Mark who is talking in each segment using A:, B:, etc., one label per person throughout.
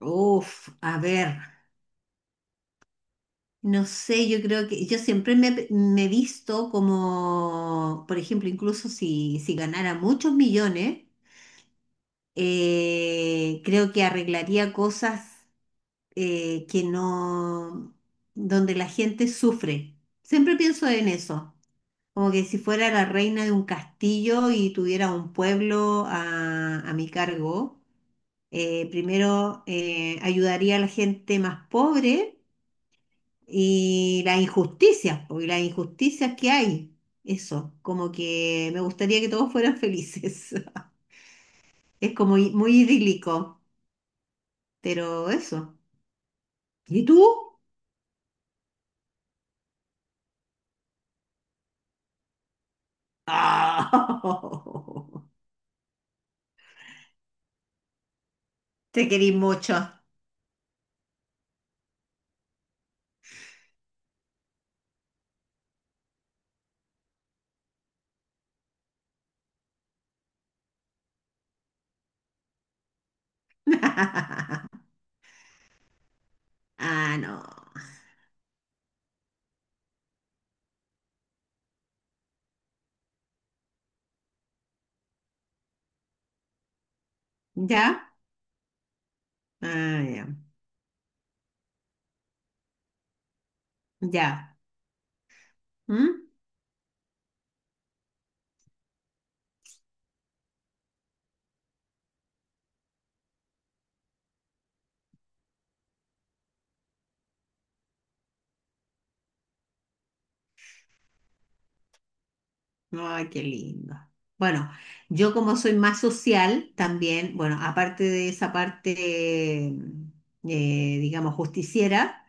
A: Uf, a ver, no sé, yo creo que yo siempre me he visto como, por ejemplo, incluso si ganara muchos millones, creo que arreglaría cosas que no, donde la gente sufre. Siempre pienso en eso, como que si fuera la reina de un castillo y tuviera un pueblo a mi cargo, primero ayudaría a la gente más pobre. Y las injusticias, porque las injusticias que hay, eso, como que me gustaría que todos fueran felices. Es como muy idílico, pero eso. ¿Y tú? Ah. Te querís mucho. Ah, no. ¿Ya? Ah, ya. Ya. ¿Mm? Ay, qué lindo. Bueno, yo como soy más social también, bueno, aparte de esa parte, digamos, justiciera.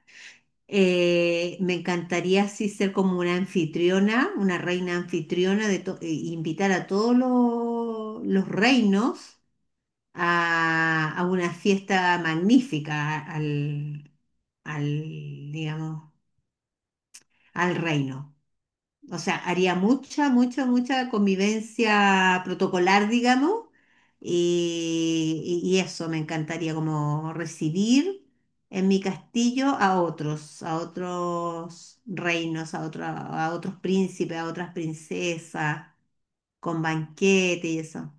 A: Me encantaría así ser como una anfitriona, una reina anfitriona, de e invitar a todos los reinos a una fiesta magnífica al, al, digamos, al reino. O sea, haría mucha, mucha, mucha convivencia protocolar, digamos, y eso me encantaría, como recibir en mi castillo a otros reinos, a, a otros príncipes, a otras princesas, con banquete y eso.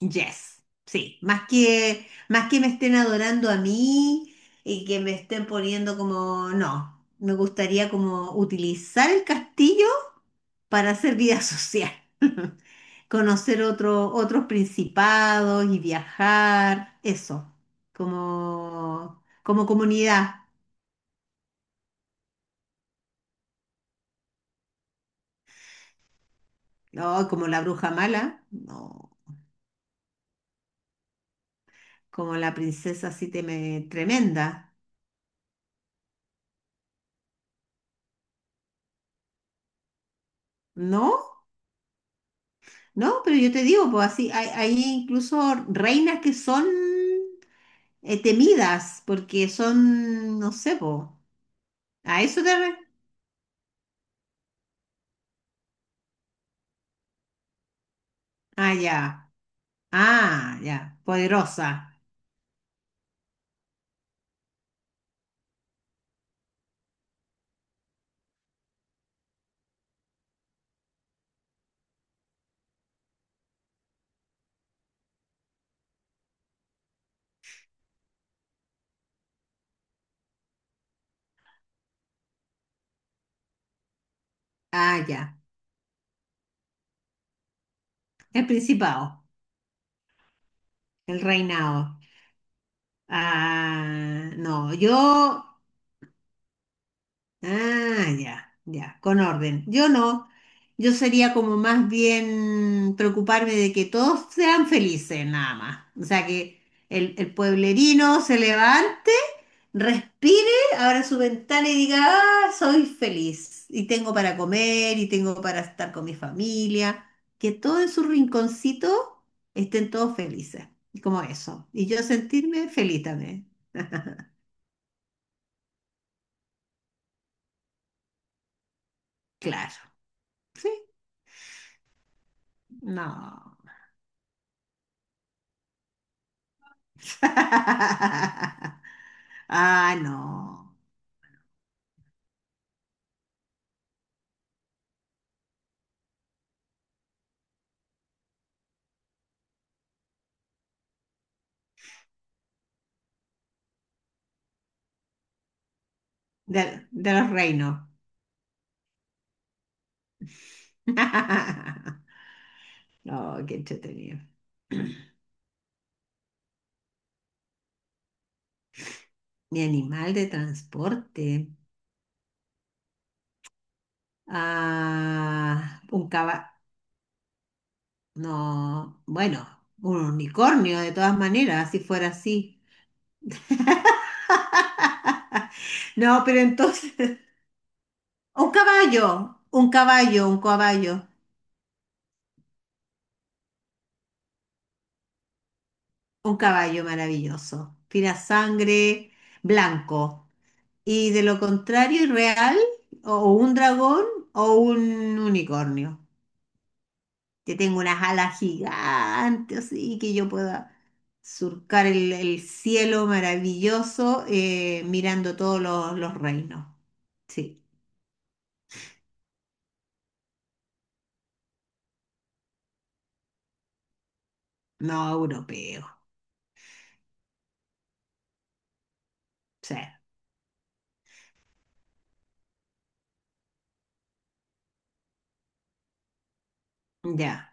A: Yes, sí, más que me estén adorando a mí y que me estén poniendo como, no, me gustaría como utilizar el castillo para hacer vida social, conocer otros principados y viajar, eso, como, como comunidad, no, como la bruja mala, no, como la princesa así tremenda, ¿no? No, pero yo te digo, pues así, hay incluso reinas que son temidas porque son, no sé, pues. ¿A eso te Ah, ya. Ah, ya. Poderosa. Ah, ya. El principado. El reinado. Ah, no. Yo. Ah, ya, ya, con orden. Yo no, yo sería como más bien preocuparme de que todos sean felices, nada más. O sea, que el pueblerino se levante, respire, abra su ventana y diga, ah, soy feliz y tengo para comer y tengo para estar con mi familia. Que todo en su rinconcito estén todos felices, como eso. Y yo sentirme feliz también, claro. Sí, no. Ah, no. De los reinos. Oh, qué entretenido. Mi animal de transporte. Ah, un caballo. No, bueno, un unicornio de todas maneras, si fuera así. No, pero entonces. Un caballo, un caballo, un caballo, un caballo maravilloso. Tira sangre, blanco. Y de lo contrario, irreal, o un dragón o un unicornio, que tenga unas alas gigantes así, y que yo pueda surcar el cielo maravilloso mirando todos los reinos. Sí, no europeo. Sí, ya.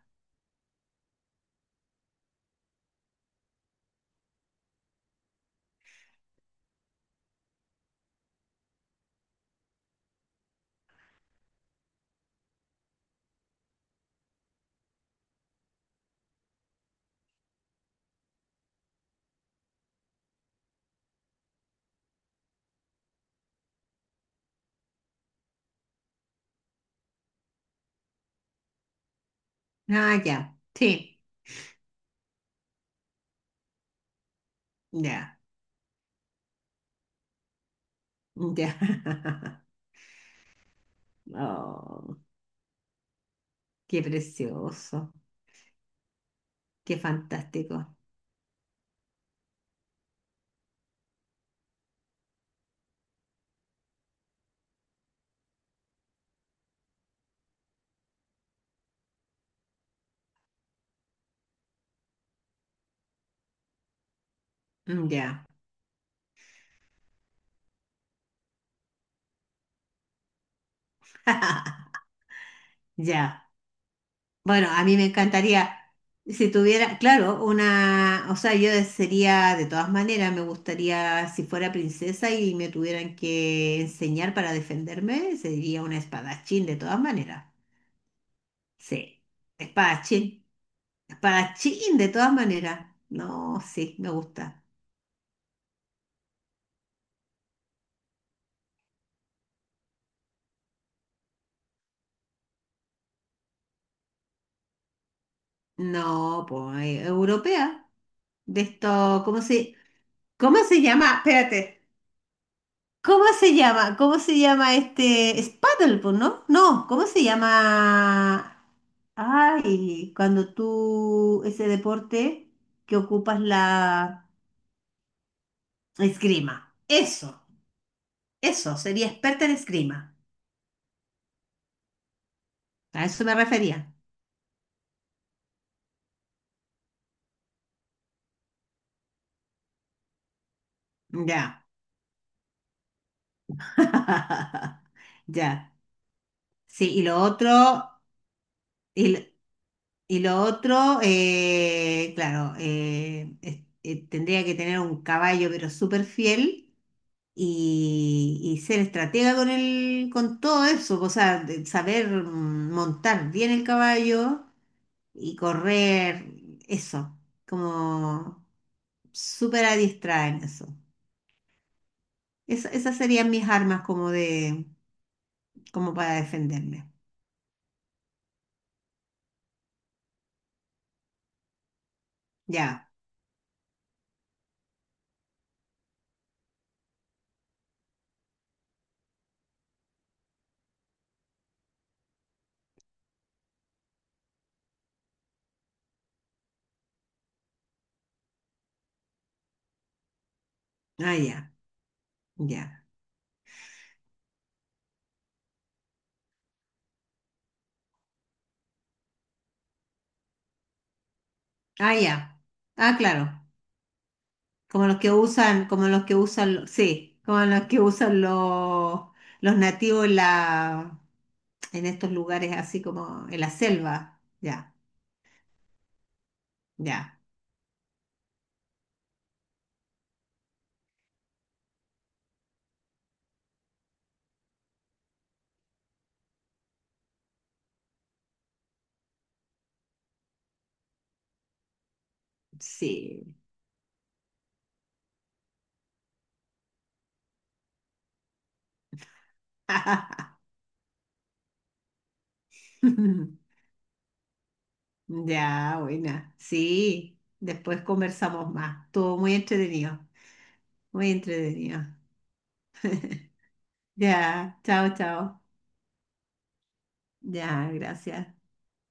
A: Ah, ya. Sí, ya. Ya. Oh, qué precioso. Qué fantástico. Ya. Ya. Bueno, a mí me encantaría, si tuviera, claro, una, o sea, yo sería, de todas maneras, me gustaría, si fuera princesa y me tuvieran que enseñar para defenderme, sería una espadachín, de todas maneras. Sí, espadachín, espadachín, de todas maneras. No, sí, me gusta. No, pues, europea, de esto, cómo se llama? Espérate. ¿Cómo se llama? ¿Cómo se llama este? Es paddleboard, ¿no? No, ¿cómo se llama? Ay, cuando tú, ese deporte que ocupas la esgrima. Eso, sería experta en esgrima. A eso me refería. Ya. Ya. Sí, y lo otro, y, lo y lo otro, claro, tendría que tener un caballo, pero súper fiel y ser estratega con el, con todo eso, o sea, de saber montar bien el caballo y correr, eso, como súper adiestrada en eso. Esas serían mis armas como de, como para defenderme. Ya, ah, ya, ya, ah, ya. Ah, claro. Como los que usan, como los que usan, sí, como los que usan los nativos en la, en estos lugares así como en la selva. Ya, ya, sí. Ya, buena. Sí, después conversamos más. Estuvo muy entretenido, muy entretenido. Ya, chao, chao. Ya, gracias.